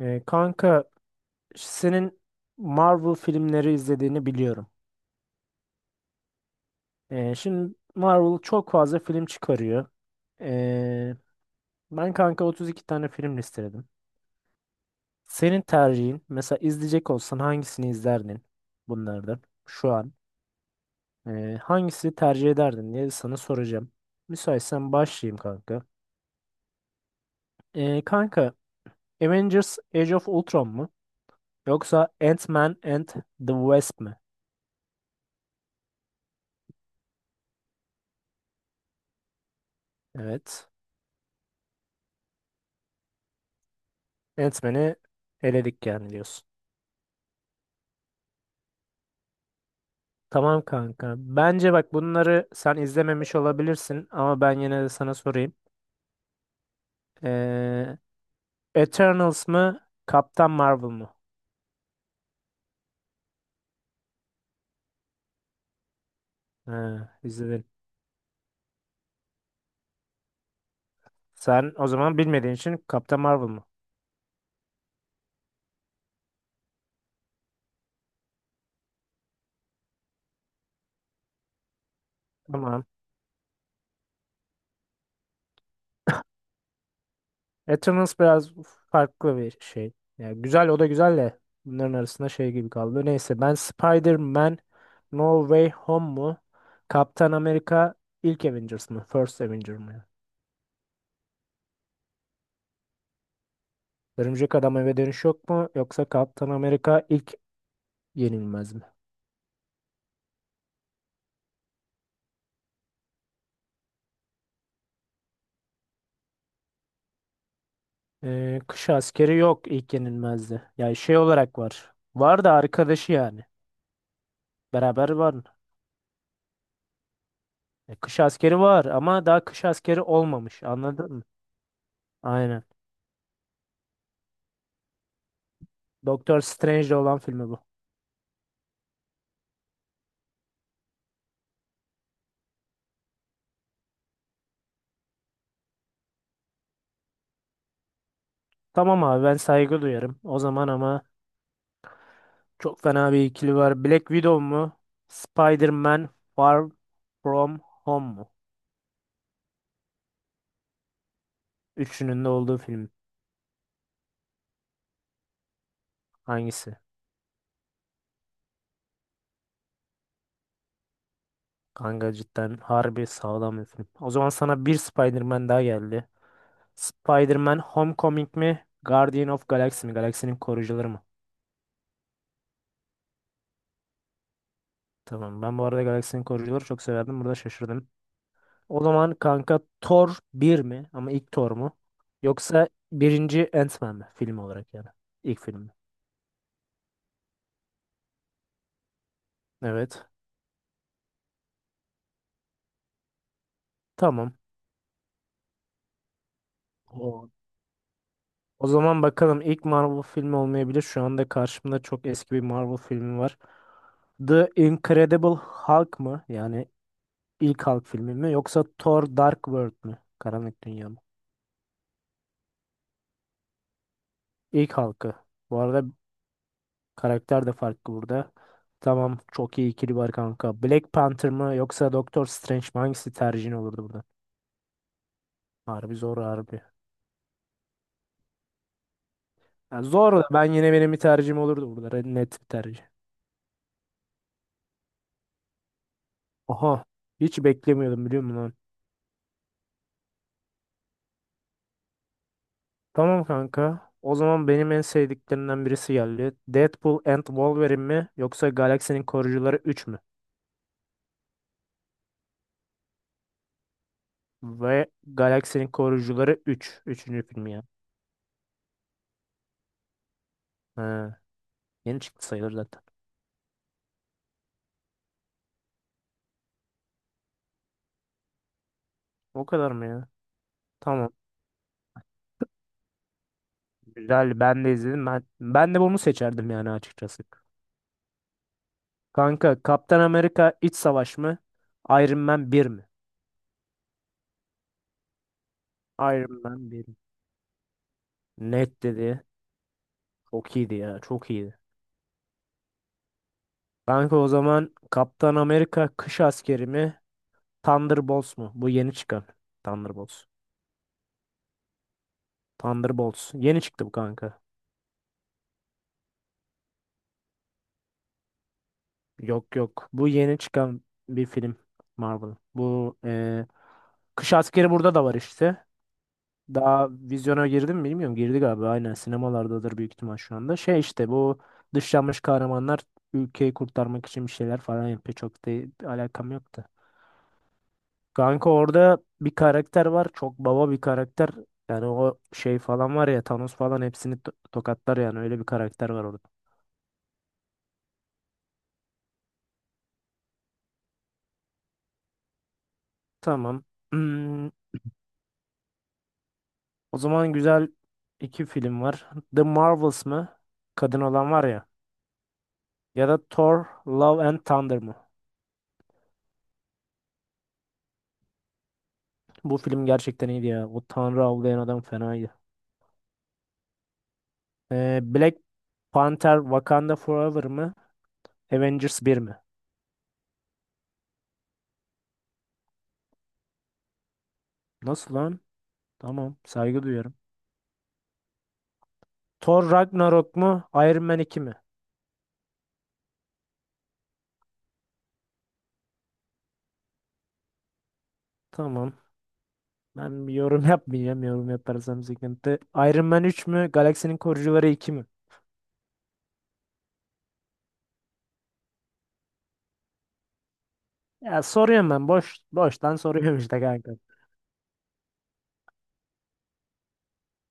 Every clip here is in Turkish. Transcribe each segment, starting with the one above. Kanka senin Marvel filmleri izlediğini biliyorum. Şimdi Marvel çok fazla film çıkarıyor. Ee, Ben kanka 32 tane film listeledim. Senin tercihin mesela izleyecek olsan hangisini izlerdin bunlardan şu an? Hangisini tercih ederdin diye sana soracağım. Müsaitsen başlayayım kanka. Kanka Avengers Age of Ultron mu? Yoksa Ant-Man and the Wasp mı? Evet. Ant-Man'i eledik yani diyorsun. Tamam kanka. Bence bak bunları sen izlememiş olabilirsin ama ben yine de sana sorayım. Ee, Eternals mı? Kaptan Marvel mı? Ha, izledin. Sen o zaman bilmediğin için Kaptan Marvel mı? Tamam. Eternals biraz farklı bir şey. Yani güzel o da güzel de bunların arasında şey gibi kaldı. Neyse ben Spider-Man No Way Home mu? Kaptan Amerika ilk Avengers mı? First Avenger mı? Örümcek Adam Eve Dönüş yok mu? Yoksa Kaptan Amerika ilk Yenilmez mi? Kış askeri yok ilk yenilmezdi. Yani şey olarak var. Var da arkadaşı yani. Beraber var. E, kış askeri var ama daha kış askeri olmamış. Anladın mı? Aynen. Doktor Strange'de olan filmi bu. Tamam abi ben saygı duyarım. O zaman ama çok fena bir ikili var. Black Widow mu? Spider-Man Far From Home mu? Üçünün de olduğu film hangisi? Kanka cidden harbi sağlam bir film. O zaman sana bir Spider-Man daha geldi. Spider-Man Homecoming mi? Guardian of Galaxy mi? Galaksinin koruyucuları mı? Tamam. Ben bu arada Galaksinin koruyucuları çok severdim. Burada şaşırdım. O zaman kanka Thor bir mi? Ama ilk Thor mu? Yoksa birinci Ant-Man mi? Film olarak yani. İlk film mi? Evet. Tamam. O, o zaman bakalım ilk Marvel filmi olmayabilir. Şu anda karşımda çok eski bir Marvel filmi var. The Incredible Hulk mı? Yani ilk Hulk filmi mi? Yoksa Thor Dark World mü? Karanlık Dünya mı? İlk Hulk'ı. Bu arada karakter de farklı burada. Tamam çok iyi ikili var kanka. Black Panther mı yoksa Doctor Strange mi? Hangisi tercihin olurdu burada? Harbi zor harbi. Ya zor da ben yine benim bir tercihim olurdu burada. Net bir tercih. Oha hiç beklemiyordum biliyor musun lan? Tamam kanka. O zaman benim en sevdiklerimden birisi geldi. Deadpool and Wolverine mi yoksa Galaksinin Koruyucuları üç mü? Ve Galaksinin Koruyucuları üç üçüncü filmi ya. Ha, yeni çıktı sayılır zaten. O kadar mı ya? Tamam. Güzel ben de izledim. Ben de bunu seçerdim yani açıkçası. Kanka Kaptan Amerika İç Savaş mı? Iron Man 1 mi? Iron Man 1. Net dedi. Çok iyiydi ya çok iyiydi. Kanka o zaman Kaptan Amerika Kış Askeri mi? Thunderbolts mu? Bu yeni çıkan. Thunderbolts. Thunderbolts. Yeni çıktı bu kanka. Yok yok. Bu yeni çıkan bir film Marvel. Bu Kış Askeri burada da var işte. Daha vizyona girdi mi bilmiyorum. Girdi galiba. Aynen sinemalardadır büyük ihtimal şu anda. Şey işte bu dışlanmış kahramanlar ülkeyi kurtarmak için bir şeyler falan yapıyor. Çok da alakam yoktu. Kanka orada bir karakter var. Çok baba bir karakter. Yani o şey falan var ya Thanos falan hepsini tokatlar yani. Öyle bir karakter var orada. Tamam. Hmm, o zaman güzel iki film var. The Marvels mı? Kadın olan var ya. Ya da Thor, Love and Thunder mı? Bu film gerçekten iyiydi ya. O Tanrı avlayan adam fenaydı. Black Panther Wakanda Forever mı? Avengers bir mi? Nasıl lan? Tamam. Saygı duyuyorum. Thor Ragnarok mu? Iron Man iki mi? Tamam. Ben bir yorum yapmayacağım. Yorum yaparsam sıkıntı. Iron Man üç mü? Galaksinin Koruyucuları 2 mi? Ya soruyorum ben. Boştan soruyorum işte kanka.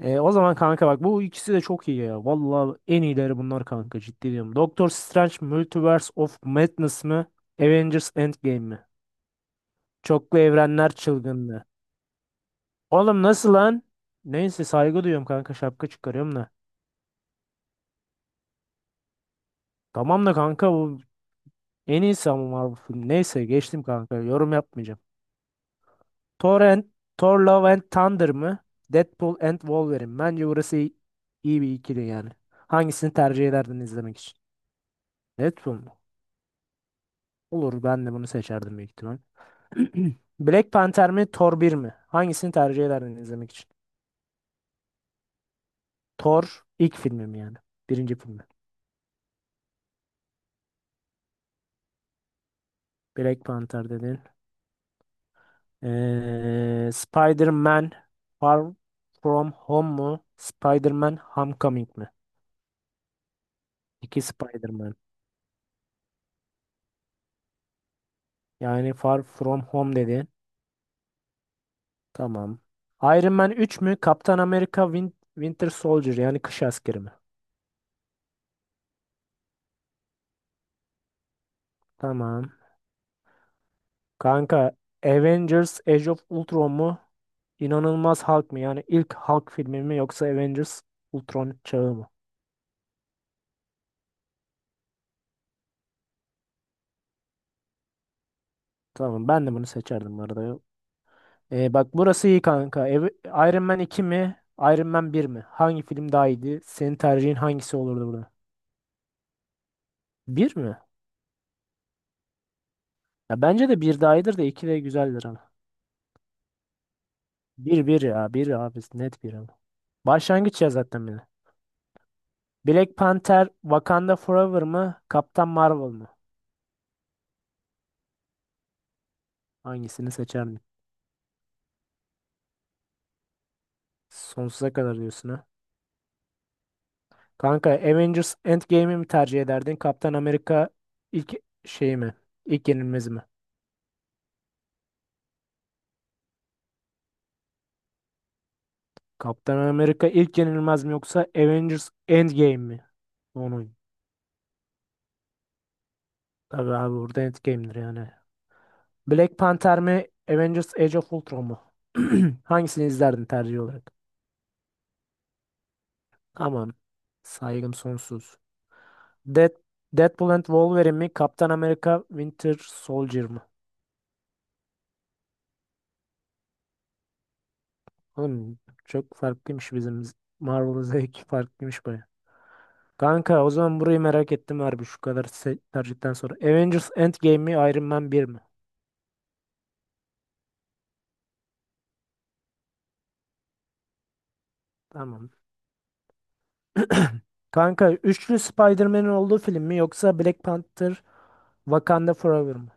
E, o zaman kanka bak bu ikisi de çok iyi ya. Vallahi en iyileri bunlar kanka ciddi diyorum. Doctor Strange Multiverse of Madness mı? Avengers Endgame mi? Çoklu evrenler çılgınlığı. Oğlum nasıl lan? Neyse saygı duyuyorum kanka şapka çıkarıyorum da. Tamam da kanka bu en iyisi ama Marvel filmi. Neyse geçtim kanka yorum yapmayacağım. Thor and, Thor Love and Thunder mı? Deadpool and Wolverine. Bence burası iyi bir ikili yani. Hangisini tercih ederdin izlemek için? Deadpool mu? Olur ben de bunu seçerdim büyük ihtimal. Black Panther mi Thor bir mi? Hangisini tercih ederdin izlemek için? Thor ilk filmi mi yani? Birinci filmi. Black Panther dedin. Spider-Man Far From Home mu? Spider-Man Homecoming mi? İki Spider-Man. Yani Far From Home dedin. Tamam. Iron Man üç mü? Kaptan Amerika Winter Soldier yani kış askeri mi? Tamam. Kanka Avengers Age of Ultron mu? İnanılmaz Hulk mı? Yani ilk Hulk filmi mi yoksa Avengers Ultron çağı mı? Tamam ben de bunu seçerdim bu arada. Bak burası iyi kanka. Iron Man iki mi? Iron Man bir mi? Hangi film daha iyiydi? Senin tercihin hangisi olurdu burada? Bir mi? Ya bence de bir daha iyidir de 2 de güzeldir ama. Bir ya bir abi net bir ama. Başlangıç ya zaten bile. Black Panther Wakanda Forever mı? Kaptan Marvel mı? Hangisini seçerdin? Sonsuza kadar diyorsun ha. Kanka Avengers Endgame'i mi tercih ederdin? Kaptan Amerika ilk şey mi? İlk yenilmez mi? Kaptan Amerika ilk yenilmez mi yoksa Avengers Endgame mi? Onu. Tabii abi burada Endgame'dir yani. Black Panther mi? Avengers Age of Ultron mu? Hangisini izlerdin tercih olarak? Aman saygım sonsuz. Dead, Deadpool and Wolverine mi? Kaptan Amerika Winter Soldier mi? Oğlum çok farklıymış Marvel zevki farklıymış baya. Kanka o zaman burayı merak ettim harbi şu kadar tercihten sonra. Avengers Endgame mi Iron Man bir mi? Tamam. Kanka üçlü Spider-Man'in olduğu film mi yoksa Black Panther Wakanda Forever mı?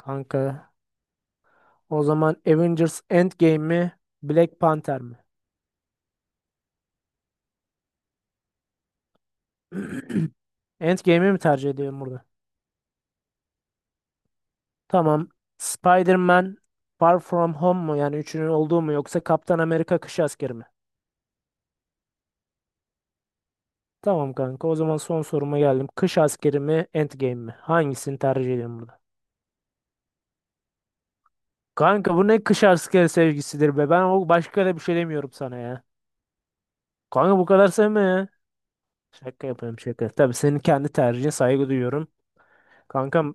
Kanka o zaman Avengers Endgame mi Black Panther mi? Endgame'i mi tercih ediyorum burada? Tamam. Spider-Man Far From Home mu yani üçünün olduğu mu yoksa Kaptan Amerika Kış Askeri mi? Tamam kanka o zaman son soruma geldim. Kış askeri mi Endgame mi? Hangisini tercih ediyorsun burada? Kanka bu ne kış askeri sevgisidir be. Ben o başka da bir şey demiyorum sana ya. Kanka bu kadar sevme ya. Şaka yapıyorum şaka. Tabii senin kendi tercihine saygı duyuyorum. Kankam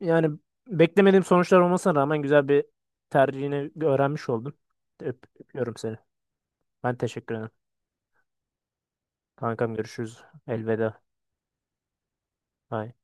yani beklemediğim sonuçlar olmasına rağmen güzel bir tercihini öğrenmiş oldum. Öpüyorum seni. Ben teşekkür ederim. Kankam görüşürüz. Elveda. Bye.